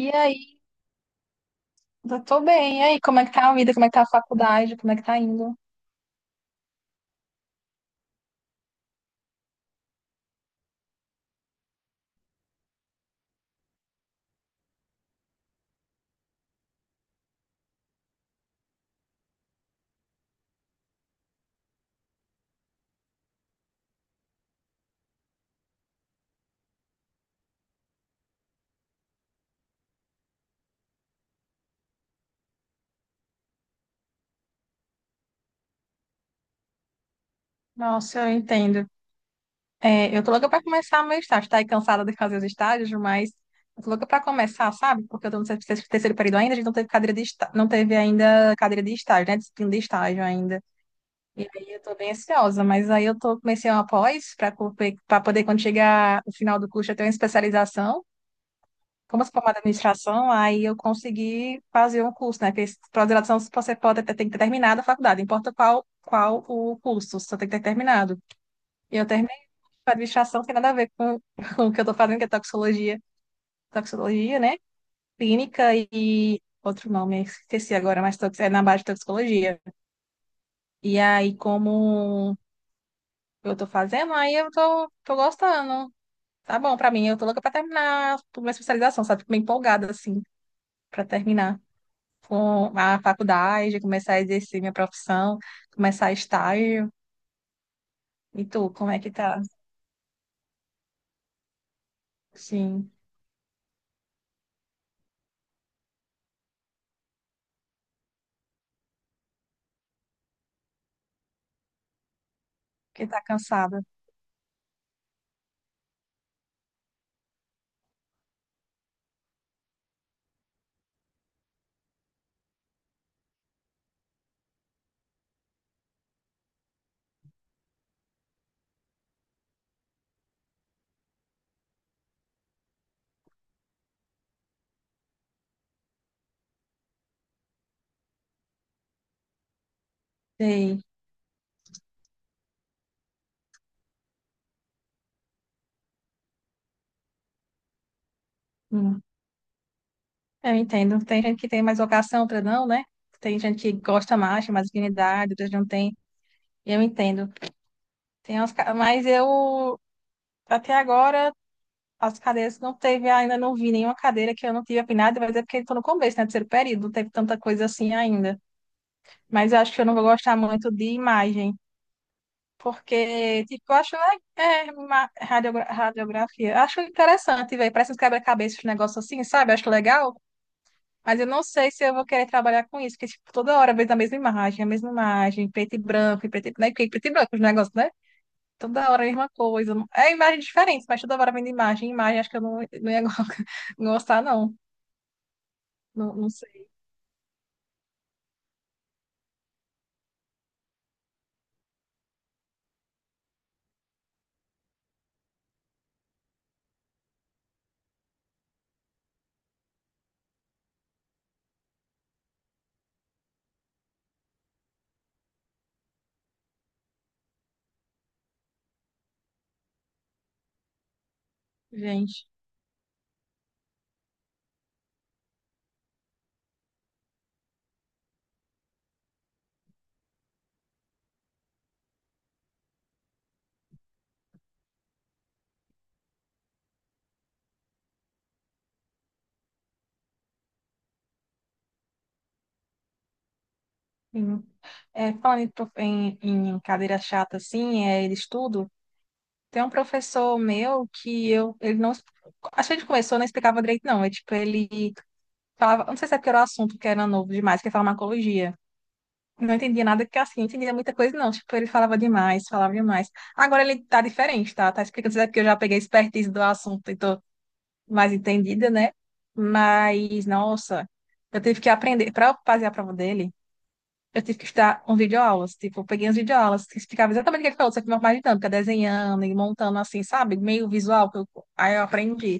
E aí, eu tô bem. E aí, como é que tá a vida? Como é que tá a faculdade? Como é que tá indo? Nossa, eu entendo. É, eu tô louca pra começar meu estágio. Tá aí cansada de fazer os estágios, mas eu tô louca pra começar, sabe? Porque eu tô no terceiro período ainda, a gente não teve cadeira de estágio, não teve ainda cadeira de estágio, né? Disciplina de estágio ainda. E aí eu tô bem ansiosa, mas aí eu tô comecei uma pós pra, pra poder, quando chegar o final do curso, eu ter uma especialização. Como eu sou formada em administração, aí eu consegui fazer um curso, né? Porque pós-graduação você pode ter, tem que ter terminado a faculdade, não importa qual o curso, você tem que ter terminado. E eu terminei a administração, não tem nada a ver com, com o que eu estou fazendo, que é toxicologia, toxicologia, né? Clínica e outro nome, esqueci agora, mas é na base de toxicologia. E aí, como eu estou fazendo, aí eu tô gostando. Tá bom pra mim, eu tô louca pra terminar a minha especialização, sabe? Fico bem empolgada, assim, pra terminar. Com a faculdade, começar a exercer minha profissão, começar estágio. E tu, como é que tá? Sim, que tá cansada. Sei. Hum, eu entendo. Tem gente que tem mais vocação, outra não, né? Tem gente que gosta mais, tem mais afinidade, outras não tem. Eu entendo. Mas eu, até agora, as cadeiras não teve, ainda não vi nenhuma cadeira que eu não tive afinidade, mas é porque estou no começo, né? Terceiro período, não teve tanta coisa assim ainda. Mas eu acho que eu não vou gostar muito de imagem. Porque, tipo, eu acho uma radiografia. Acho interessante, velho. Parece uns quebra-cabeças, um negócio assim, sabe? Acho legal. Mas eu não sei se eu vou querer trabalhar com isso, porque, tipo, toda hora vem a mesma imagem, preto e branco, e preto e, né? Porque preto e branco, os negócios, né? Toda hora a mesma coisa. É imagem diferente, mas toda hora vem de imagem, em imagem. Acho que eu não, não ia gostar, não. Não, não sei, gente. Sim. É, falando em cadeira chata, assim, de estudo. Tem um professor meu que eu, ele não, acho que ele começou, não explicava direito, não. É tipo, ele falava, não sei se é porque era o assunto que era novo demais, que é farmacologia. Não entendia nada, que assim, não entendia muita coisa, não. Tipo, ele falava demais, falava demais. Agora ele tá diferente, tá? Tá explicando, não sei se é porque eu já peguei a expertise do assunto e tô mais entendida, né? Mas, nossa, eu tive que aprender, para fazer a prova dele eu tive que estudar um videoaulas, tipo, eu peguei as videoaulas que explicava exatamente o que ele falou, só que de uma forma dinâmica, desenhando e montando assim, sabe? Meio visual, aí eu aprendi.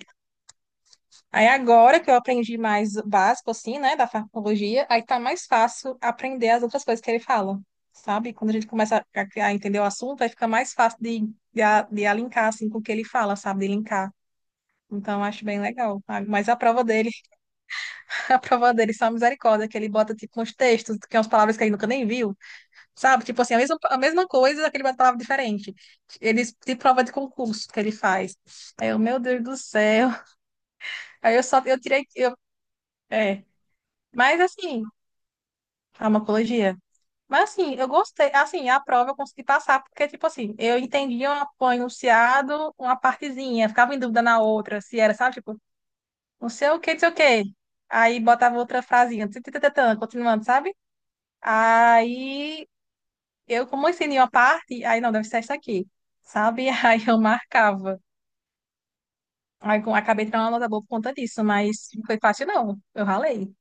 Aí agora que eu aprendi mais o básico, assim, né, da farmacologia, aí tá mais fácil aprender as outras coisas que ele fala, sabe? Quando a gente começa a entender o assunto, aí fica mais fácil de alinhar, assim, com o que ele fala, sabe? De linkar. Então, eu acho bem legal, sabe? Mas a prova dele, a prova dele, só misericórdia, que ele bota, tipo, uns textos, que são umas palavras que ele nunca nem viu. Sabe? Tipo assim, a mesma coisa, aquele bate palavra diferente. Ele de prova de concurso que ele faz. Aí eu, meu Deus do céu. Aí eu só, eu tirei, eu, é. Mas assim, farmacologia. Mas assim, eu gostei, assim, a prova eu consegui passar, porque tipo assim, eu entendia um enunciado, uma partezinha, ficava em dúvida na outra, se era, sabe? Tipo, não sei o que, não sei o que. Aí botava outra frasinha, tã, tã, tã, tã, tã, continuando, sabe? Aí eu, como eu ensinei uma parte, aí não, deve ser essa aqui, sabe? Aí eu marcava. Aí eu acabei tirando uma nota boa por conta disso, mas não foi fácil, não. Eu ralei.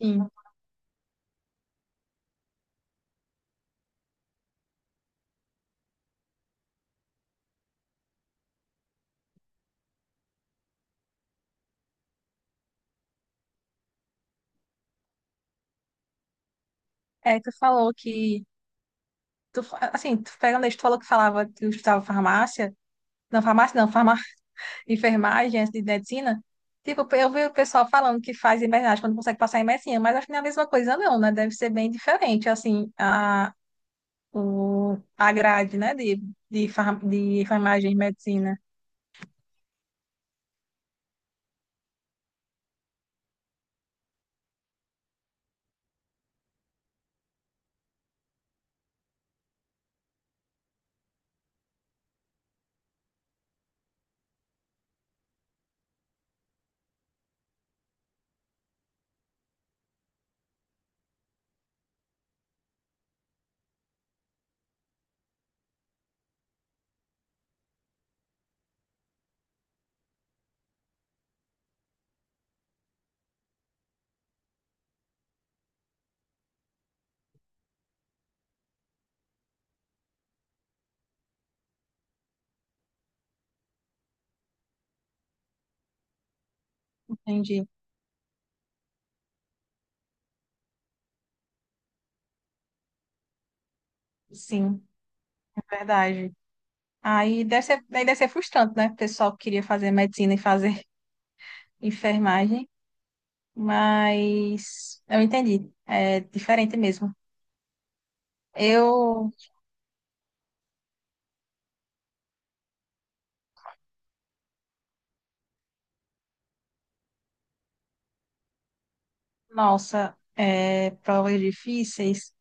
Sim. É, tu falou que, assim, tu pegando isso, tu falou que falava que eu estudava farmácia. Não, farmácia não, enfermagem, antes de medicina, tipo, eu vi o pessoal falando que faz enfermagem quando consegue passar em medicina, mas acho que não é a mesma coisa não, né? Deve ser bem diferente, assim, a grade, né, de enfermagem e medicina. Entendi. Sim, verdade. Aí deve ser frustrante, né? O pessoal que queria fazer medicina e fazer enfermagem, mas eu entendi. É diferente mesmo. Eu, Nossa, provas difíceis.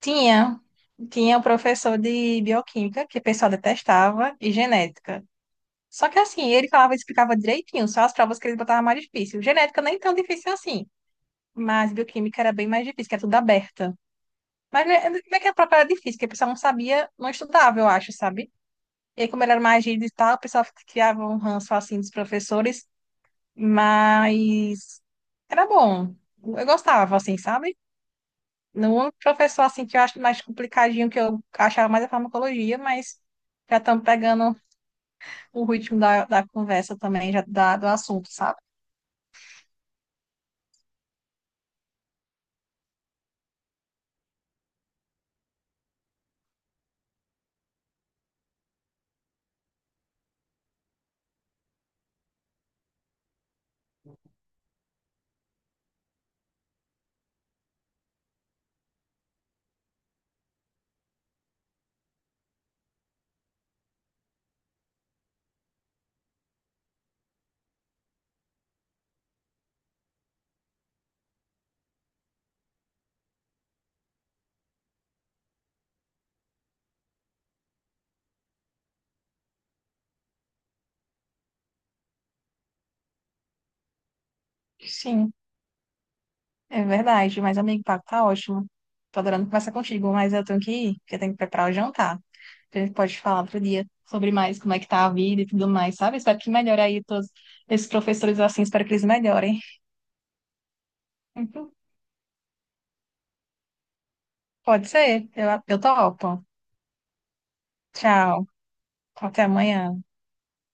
Tinha, tinha o professor de bioquímica que o pessoal detestava e genética. Só que assim, ele falava e explicava direitinho, só as provas que ele botava mais difícil. Genética nem tão difícil assim, mas bioquímica era bem mais difícil, que era tudo aberta. Mas né, não é que a prova era difícil, que o pessoal não sabia, não estudava, eu acho, sabe? E aí, como ele era mais rígido e tal, o pessoal criava um ranço assim dos professores, mas era bom. Eu gostava, assim, sabe? No único professor assim que eu acho mais complicadinho, que eu achava mais a farmacologia, mas já estamos pegando o ritmo da conversa também, já do assunto, sabe? Sim, é verdade. Mas, amigo, o papo tá ótimo. Tô adorando conversar contigo, mas eu tenho que ir, porque eu tenho que preparar o jantar. A gente pode falar outro dia sobre mais como é que tá a vida e tudo mais, sabe? Espero que melhore aí todos esses professores assim, espero que eles melhorem. Uhum. Pode ser, eu topo. Tchau, até amanhã.